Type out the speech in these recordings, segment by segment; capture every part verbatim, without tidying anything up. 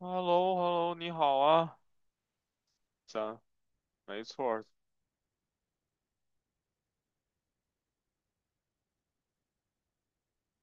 h e l l o h e l l o 你好啊，咱没错儿，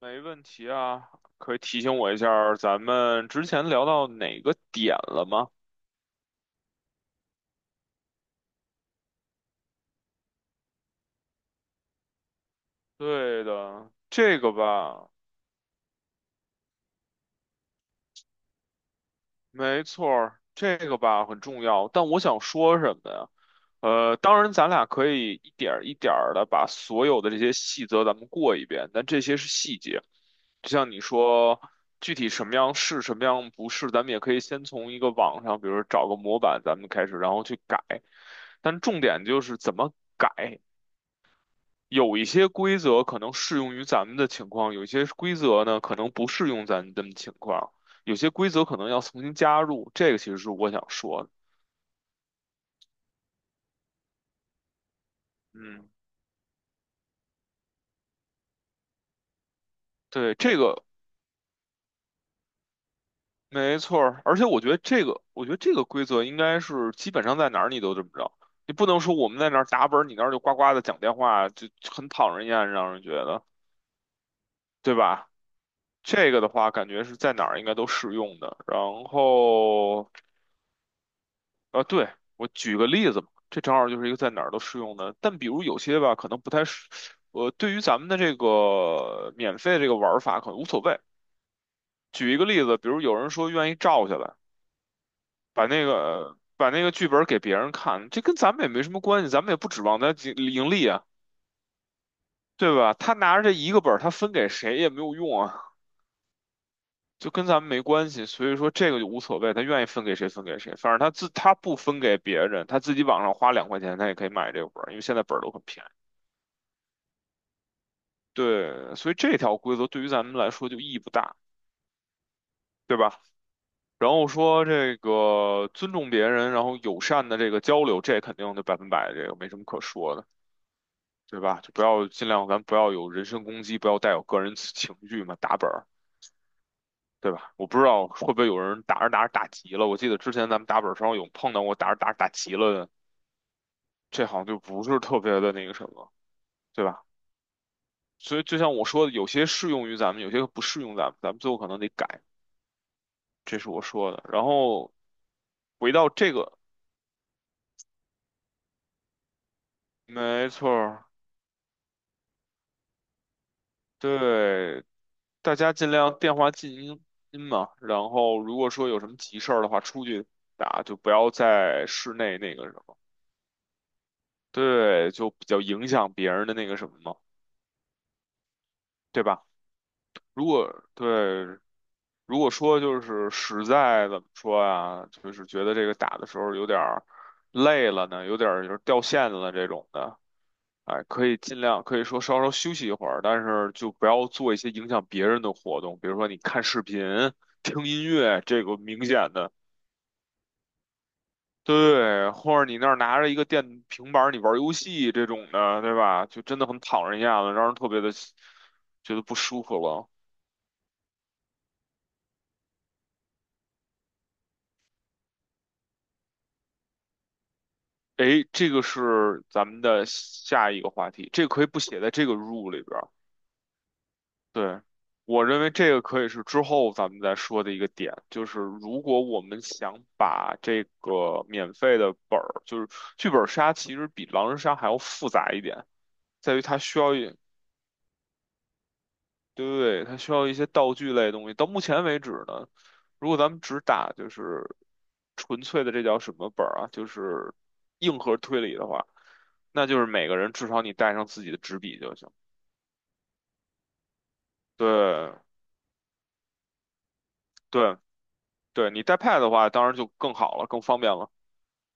没问题啊。可以提醒我一下儿咱们之前聊到哪个点了吗？对的，这个吧，没错儿，这个吧很重要。但我想说什么呀？呃，当然，咱俩可以一点儿一点儿的把所有的这些细则咱们过一遍，但这些是细节。就像你说，具体什么样是，什么样不是，咱们也可以先从一个网上，比如说找个模板，咱们开始，然后去改。但重点就是怎么改，有一些规则可能适用于咱们的情况，有一些规则呢可能不适用咱们的情况，有些规则可能要重新加入，这个其实是我想说的。嗯，对，这个没错儿而且我觉得这个，我觉得这个规则应该是基本上在哪儿你都这么着，你不能说我们在那儿打本儿你那儿就呱呱的讲电话，就很讨人厌，让人觉得，对吧？这个的话，感觉是在哪儿应该都适用的，然后。啊，对，我举个例子嘛，这正好就是一个在哪儿都适用的。但比如有些吧，可能不太适，呃，对于咱们的这个免费这个玩儿法可能无所谓。举一个例子，比如有人说愿意照下来，把那个把那个剧本给别人看，这跟咱们也没什么关系，咱们也不指望他盈盈利啊，对吧？他拿着这一个本儿他分给谁也没有用啊，就跟咱们没关系。所以说这个就无所谓，他愿意分给谁分给谁，反正他自他不分给别人，他自己网上花两块钱，他也可以买这个本儿因为现在本儿都很便宜。对，所以这条规则对于咱们来说就意义不大，对吧？然后说这个尊重别人，然后友善的这个交流，这肯定就百分百，这个没什么可说的，对吧？就不要尽量，咱不要有人身攻击，不要带有个人情绪嘛，打本儿，对吧？我不知道会不会有人打着打着打急了，我记得之前咱们打本儿上有碰到过打着打着打急了的，这好像就不是特别的那个什么，对吧？所以就像我说的，有些适用于咱们，有些不适用咱们，咱们最后可能得改，这是我说的。然后。回到这个，没错儿对，大家尽量电话静音音嘛。然后如果说有什么急事儿的话，出去打就不要在室内那个什么，对，就比较影响别人的那个什么嘛，对吧？如果对，如果说就是实在怎么说啊，就是觉得这个打的时候有点儿累了呢，有点儿就是掉线了这种的。哎，可以尽量可以说稍稍休息一会儿，但是就不要做一些影响别人的活动，比如说你看视频、听音乐，这个明显的，对，或者你那儿拿着一个电平板儿你玩游戏这种的，对吧？就真的很讨人厌了，让人特别的觉得不舒服了。哎，这个是咱们的下一个话题，这个可以不写在这个 rule 里边对，我认为这个可以是之后咱们再说的一个点，就是如果我们想把这个免费的本儿，就是剧本杀，其实比狼人杀还要复杂一点，在于它需要一，对，它需要一些道具类的东西。到目前为止呢，如果咱们只打就是纯粹的这叫什么本儿啊，就是硬核推理的话，那就是每个人至少你带上自己的纸笔就行。对，对，对，你带 pad 的话，当然就更好了，更方便了。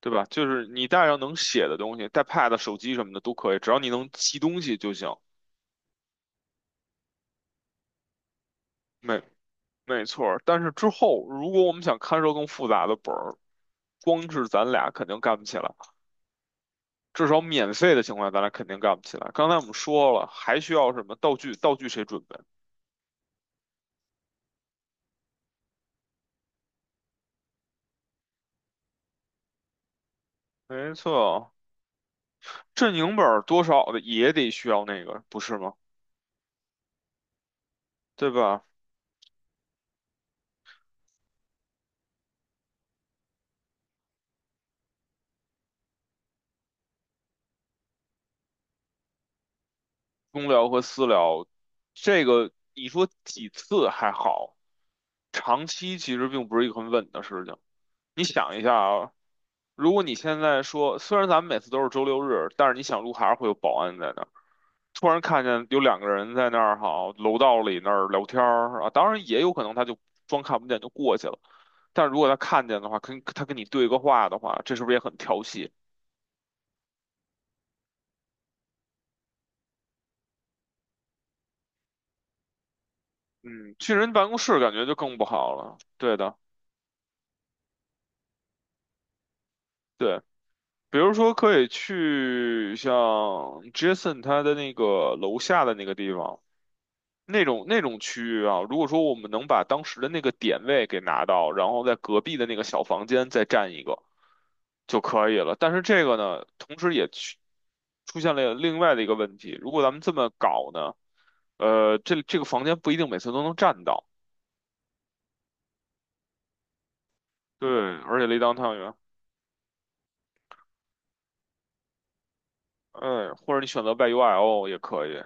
对吧？就是你带上能写的东西，带 pad、手机什么的都可以，只要你能记东西就行。没没错儿，但是之后如果我们想看涉更复杂的本儿，光是咱俩肯定干不起来，至少免费的情况下咱俩肯定干不起来。刚才我们说了，还需要什么道具？道具谁准备？没错，阵营本儿多少的也得需要那个，不是吗？对吧？公聊和私聊，这个你说几次还好，长期其实并不是一个很稳的事情。你想一下啊，如果你现在说，虽然咱们每次都是周六日，但是你想路还是会有保安在那儿。突然看见有两个人在那儿，好，楼道里那儿聊天儿啊，当然也有可能他就装看不见就过去了。但如果他看见的话，跟他跟你对个话的话，这是不是也很调戏？嗯，去人办公室感觉就更不好了。对的，对。比如说可以去像 Jason 他的那个楼下的那个地方，那种那种区域啊，如果说我们能把当时的那个点位给拿到，然后在隔壁的那个小房间再占一个就可以了。但是这个呢，同时也去出现了另外的一个问题，如果咱们这么搞呢，呃，这这个房间不一定每次都能占到，对，而且离当汤圆，嗯，或者你选择 y u I l 也可以。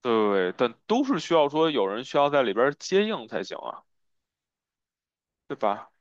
对，但都是需要说有人需要在里边儿接应才行啊，对吧？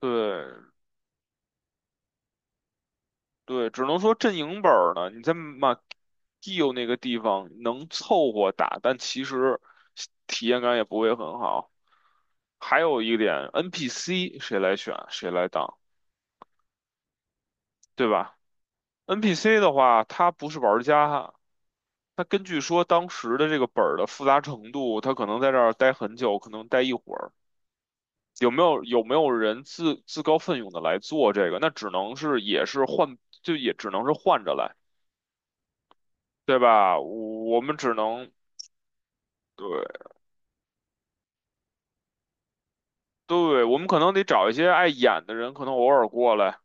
对对，只能说阵营本儿呢，你在马基有那个地方能凑合打，但其实体验感也不会很好。还有一点，N P C 谁来选谁来当，对吧？N P C 的话，他不是玩家，他根据说当时的这个本儿的复杂程度，他可能在这儿待很久，可能待一会儿。有没有有没有人自自告奋勇的来做这个？那只能是也是换，就也只能是换着来，对吧？我我们只能对对，我们可能得找一些爱演的人，可能偶尔过来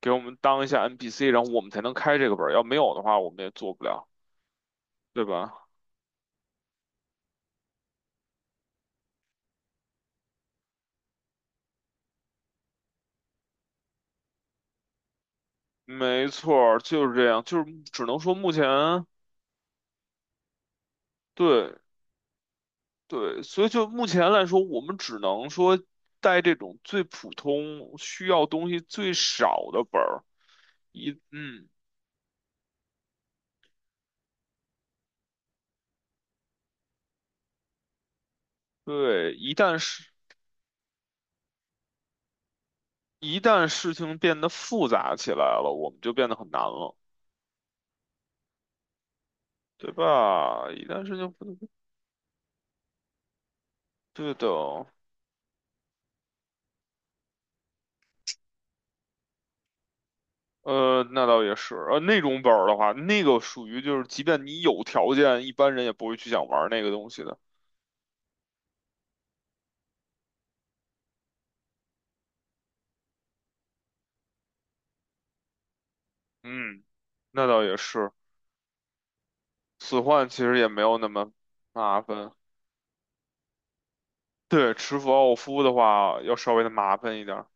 给我们当一下 N P C,然后我们才能开这个本儿。要没有的话，我们也做不了，对吧？没错儿，就是这样，就是只能说目前对对，所以就目前来说，我们只能说带这种最普通、需要东西最少的本儿。一嗯，对，一旦事一旦事情变得复杂起来了，我们就变得很难了，对吧？一旦事情不对的，呃，那倒也是，呃，那种本儿的话，那个属于就是，即便你有条件，一般人也不会去想玩那个东西的。嗯，那倒也是，死幻其实也没有那么麻烦。对，持斧奥夫的话要稍微的麻烦一点儿，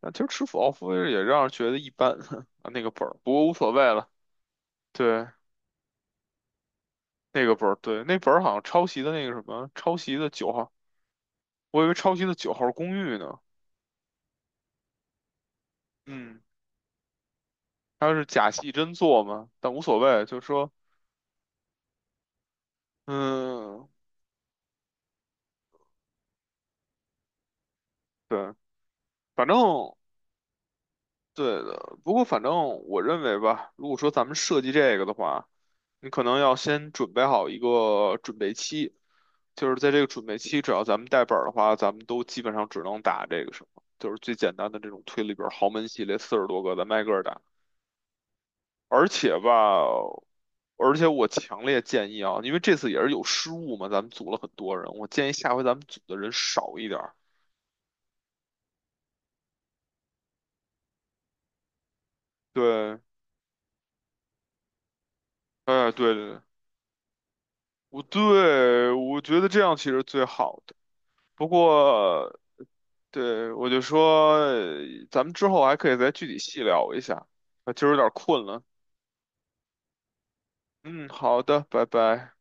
但其实持斧奥夫也让人觉得一般 啊，那个本儿，不过无所谓了。对。那个本儿，对，那本儿好像抄袭的那个什么，抄袭的九号，我以为抄袭的九号公寓呢。嗯，它是假戏真做嘛，但无所谓，就是说，嗯，对，反正对的。不过反正我认为吧，如果说咱们设计这个的话，你可能要先准备好一个准备期，就是在这个准备期，只要咱们带本儿的话，咱们都基本上只能打这个什么，就是最简单的这种推理本儿，豪门系列四十多个，咱们挨个儿打。而且吧，而且我强烈建议啊，因为这次也是有失误嘛，咱们组了很多人，我建议下回咱们组的人少一点儿。对，哎，对对对，我对我觉得这样其实最好的。不过，对我就说，呃咱们之后还可以再具体细聊一下，啊，今儿有点困了。嗯，好的，拜拜。